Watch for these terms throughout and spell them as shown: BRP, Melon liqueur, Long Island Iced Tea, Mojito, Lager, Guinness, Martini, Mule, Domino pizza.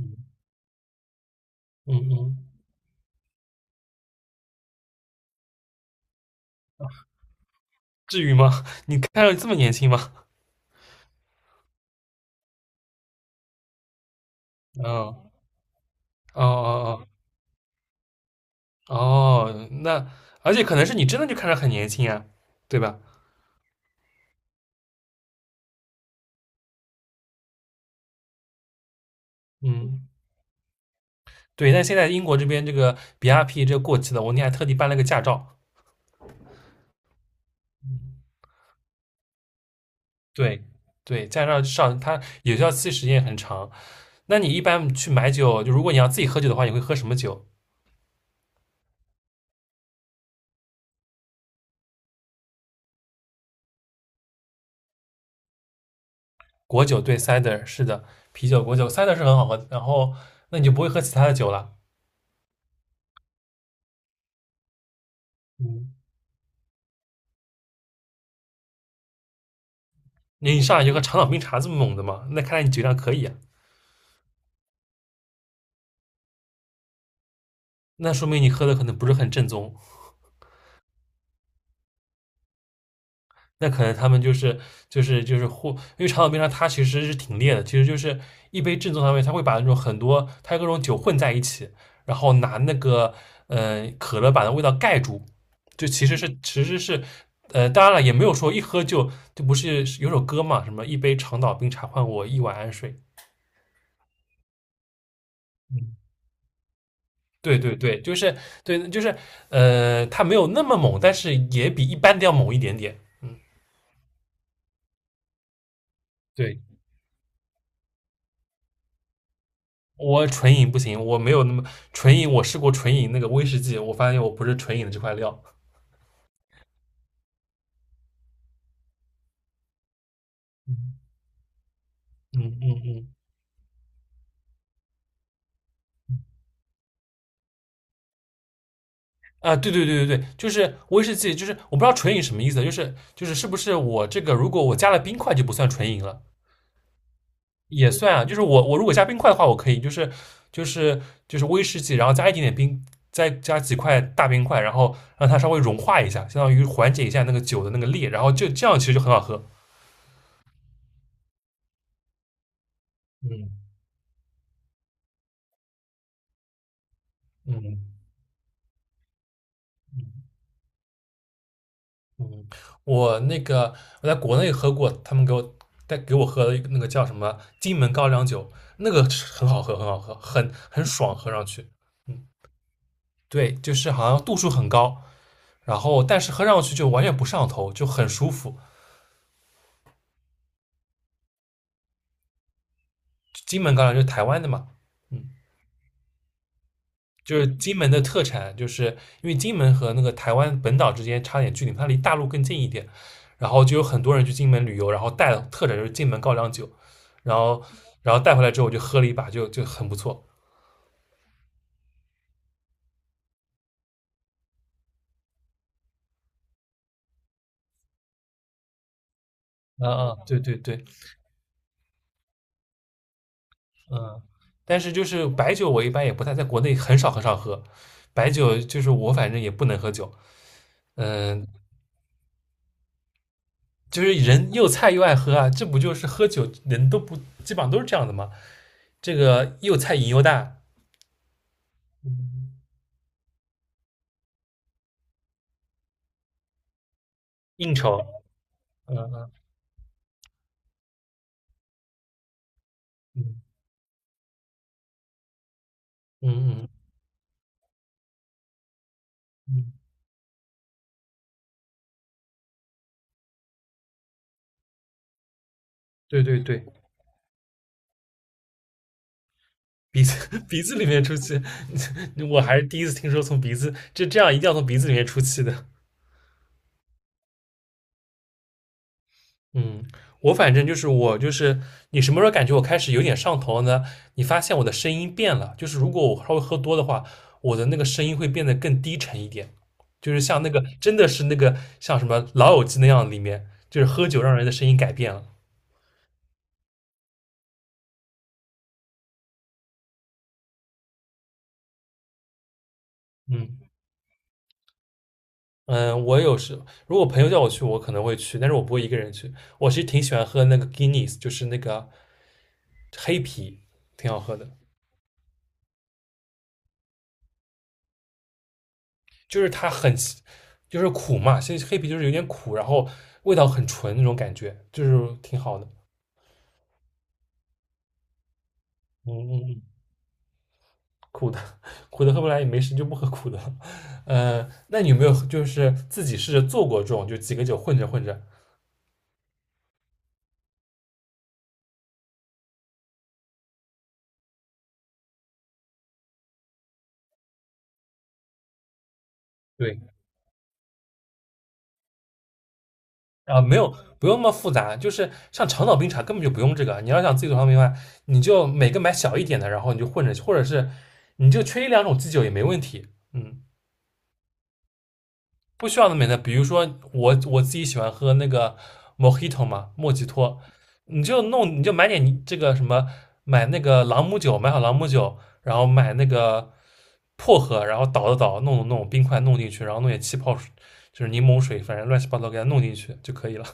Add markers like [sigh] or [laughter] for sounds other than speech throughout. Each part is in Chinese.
嗯嗯嗯，至于吗？[laughs] 你看着这么年轻吗？嗯，哦哦哦哦，那而且可能是你真的就看着很年轻啊，对吧？嗯，对。但现在英国这边这个 BRP 这个过期了，我那天还特地办了个驾照。对对，驾照上它有效期时间很长。那你一般去买酒，就如果你要自己喝酒的话，你会喝什么酒？果酒对，cider 是的，啤酒、果酒，cider 是很好喝。然后那你就不会喝其他的酒了。嗯，你上来就喝长岛冰茶这么猛的嘛？那看来你酒量可以啊，那说明你喝的可能不是很正宗。那可能他们就是或因为长岛冰茶它其实是挺烈的，其实就是一杯正宗上面，它会把那种很多它各种酒混在一起，然后拿那个可乐把那味道盖住，就其实是其实是当然了，也没有说一喝就不是有首歌嘛，什么一杯长岛冰茶换我一碗安睡，嗯。对对对，就是对，就是它没有那么猛，但是也比一般的要猛一点点。嗯，对，我纯饮不行，我没有那么纯饮，我试过纯饮那个威士忌，我发现我不是纯饮的这块料。嗯嗯嗯，啊，对对对对对，就是威士忌，就是我不知道纯饮什么意思，就是就是是不是我这个如果我加了冰块就不算纯饮了？也算啊，就是我如果加冰块的话，我可以就是就是威士忌，然后加一点点冰，再加几块大冰块，然后让它稍微融化一下，相当于缓解一下那个酒的那个烈，然后就这样其实就很好喝。嗯嗯嗯嗯，我那个我在国内喝过，他们带给我喝了一个那个叫什么金门高粱酒，那个是很好喝，很好喝，很爽，喝上去。嗯，对，就是好像度数很高，然后但是喝上去就完全不上头，就很舒服。金门高粱就是台湾的嘛，嗯，就是金门的特产，就是因为金门和那个台湾本岛之间差点距离，它离大陆更近一点，然后就有很多人去金门旅游，然后带特产就是金门高粱酒，然后然后带回来之后我就喝了一把，就很不错。嗯嗯，对对对，嗯，但是就是白酒我一般也不太在国内很少很少喝，白酒就是我反正也不能喝酒，嗯，就是人又菜又爱喝啊，这不就是喝酒人都不基本上都是这样的吗？这个又菜瘾又大，应酬，嗯嗯嗯嗯嗯嗯，对对对，鼻子 [laughs] 鼻子里面出气，[laughs] 我还是第一次听说从鼻子这样一定要从鼻子里面出气的。嗯，我反正就是我就是你什么时候感觉我开始有点上头了呢？你发现我的声音变了，就是如果我稍微喝多的话，我的那个声音会变得更低沉一点，就是像那个真的是那个像什么《老友记》那样，里面就是喝酒让人的声音改变了。嗯。嗯，我有时如果朋友叫我去，我可能会去，但是我不会一个人去。我其实挺喜欢喝那个 Guinness，就是那个黑啤，挺好喝的。就是它很，就是苦嘛，现在黑啤就是有点苦，然后味道很纯那种感觉，就是挺好的。嗯嗯嗯，苦的 [laughs] 苦的喝不来也没事，就不喝苦的。[laughs] 那你有没有就是自己试着做过这种，就几个酒混着混着？对，啊，没有，不用那么复杂，就是像长岛冰茶根本就不用这个。你要想自己做长岛冰茶，你就每个买小一点的，然后你就混着，或者是你就缺一两种基酒也没问题。嗯，不需要那么的，比如说我自己喜欢喝那个 Mojito 嘛，莫吉托，你就买点你这个什么，买那个朗姆酒，买好朗姆酒，然后买那个薄荷，然后倒的倒，弄冰块弄进去，然后弄点气泡水，就是柠檬水，反正乱七八糟给它弄进去就可以了。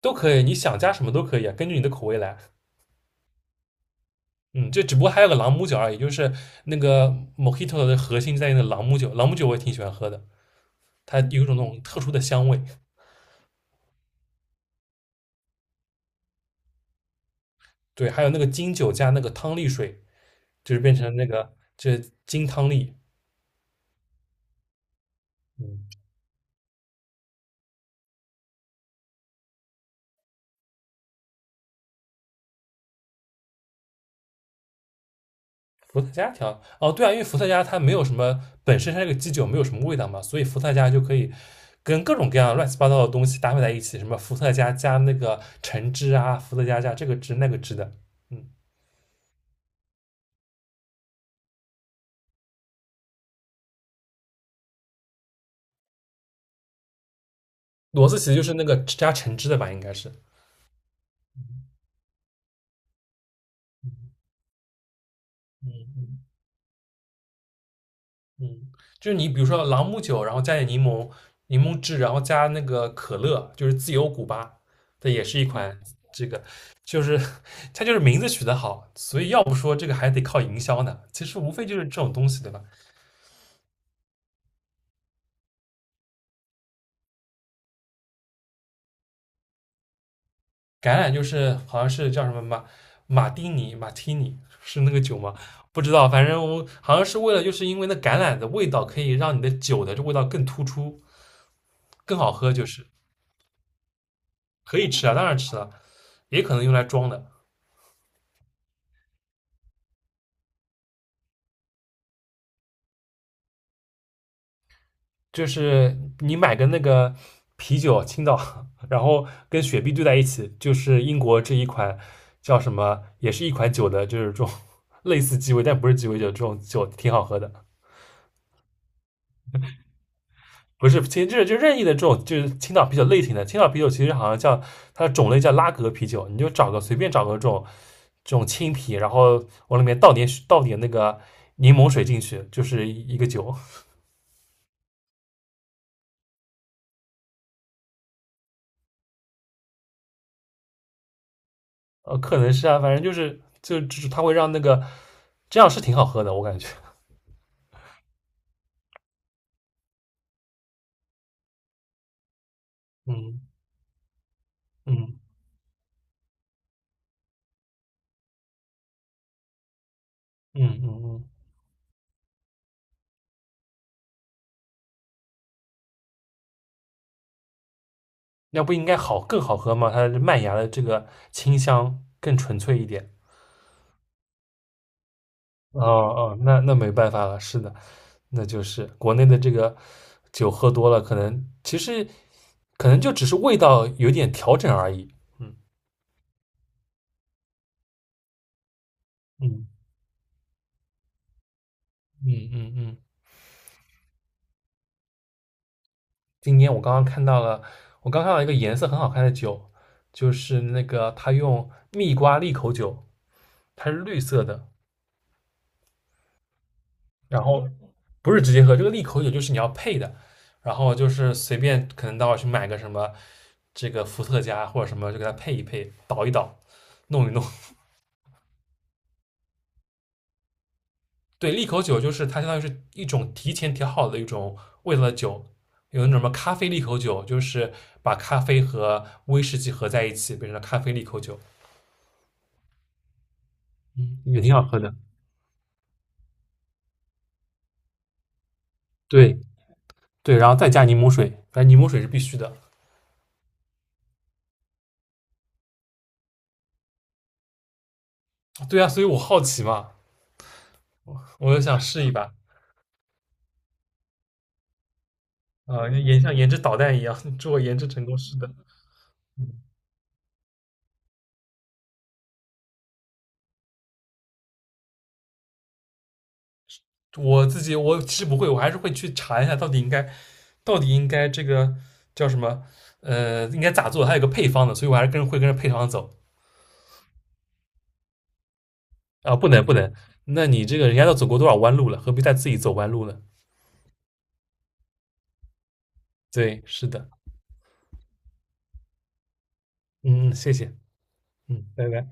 都可以，你想加什么都可以啊，根据你的口味来。嗯，这只不过还有个朗姆酒而已，就是那个 Mojito 的核心在于那个朗姆酒，朗姆酒我也挺喜欢喝的，它有一种那种特殊的香味。对，还有那个金酒加那个汤力水，就是变成这金汤力。嗯，伏特加调？哦，对啊，因为伏特加它没有什么本身它这个基酒没有什么味道嘛，所以伏特加就可以跟各种各样乱七八糟的东西搭配在一起，什么伏特加加那个橙汁啊，伏特加加这个汁那个汁的。嗯，骡子其实就是那个加橙汁的吧，应该是，嗯嗯嗯，就是你比如说朗姆酒，然后加点柠檬汁，然后加那个可乐，就是自由古巴，这也是一款这个，就是它就是名字取得好，所以要不说这个还得靠营销呢。其实无非就是这种东西，对吧？橄榄就是好像是叫什么马丁尼马提尼是那个酒吗？不知道，反正我好像是为了就是因为那橄榄的味道可以让你的酒的这味道更突出，更好喝，就是可以吃啊，当然吃了，也可能用来装的。就是你买个那个啤酒，青岛，[laughs] 然后跟雪碧兑在一起，就是英国这一款叫什么，也是一款酒的，就是这种 [laughs] 类似鸡尾，但不是鸡尾酒，这种酒挺好喝的。不是，其实这就任意的这种就是青岛啤酒类型的，青岛啤酒其实好像叫它的种类叫拉格啤酒，你就随便找个这种青啤，然后往里面倒点那个柠檬水进去，就是一个酒。可能是啊，反正就是它会让那个这样是挺好喝的，我感觉。嗯嗯嗯嗯嗯，那不应该更好喝吗？它的麦芽的这个清香更纯粹一点。哦哦，那没办法了，是的，那就是国内的这个酒喝多了，其实可能就只是味道有点调整而已。嗯嗯嗯嗯嗯。今天我刚刚看到了，我刚看到一个颜色很好看的酒，就是那个它用蜜瓜利口酒，它是绿色的，然后不是直接喝，这个利口酒就是你要配的，然后就是随便可能到去买个什么这个伏特加或者什么，就给它配一配，倒一倒，弄一弄。对，利口酒就是它相当于是一种提前调好的一种味道的酒，有那种什么咖啡利口酒，就是把咖啡和威士忌合在一起，变成了咖啡利口酒。嗯，也挺好喝的。对对，然后再加柠檬水，反正柠檬水是必须的。对啊，所以我好奇嘛，我就想试一把。研像研制导弹一样，[laughs] 祝我研制成功。是的，我自己我其实不会，我还是会去查一下到底应该，到底应该这个叫什么？应该咋做？它有个配方的，所以我还是会跟着配方走啊。不能不能，那你这个人家都走过多少弯路了，何必再自己走弯路呢？对，是的，嗯，谢谢，嗯，拜拜。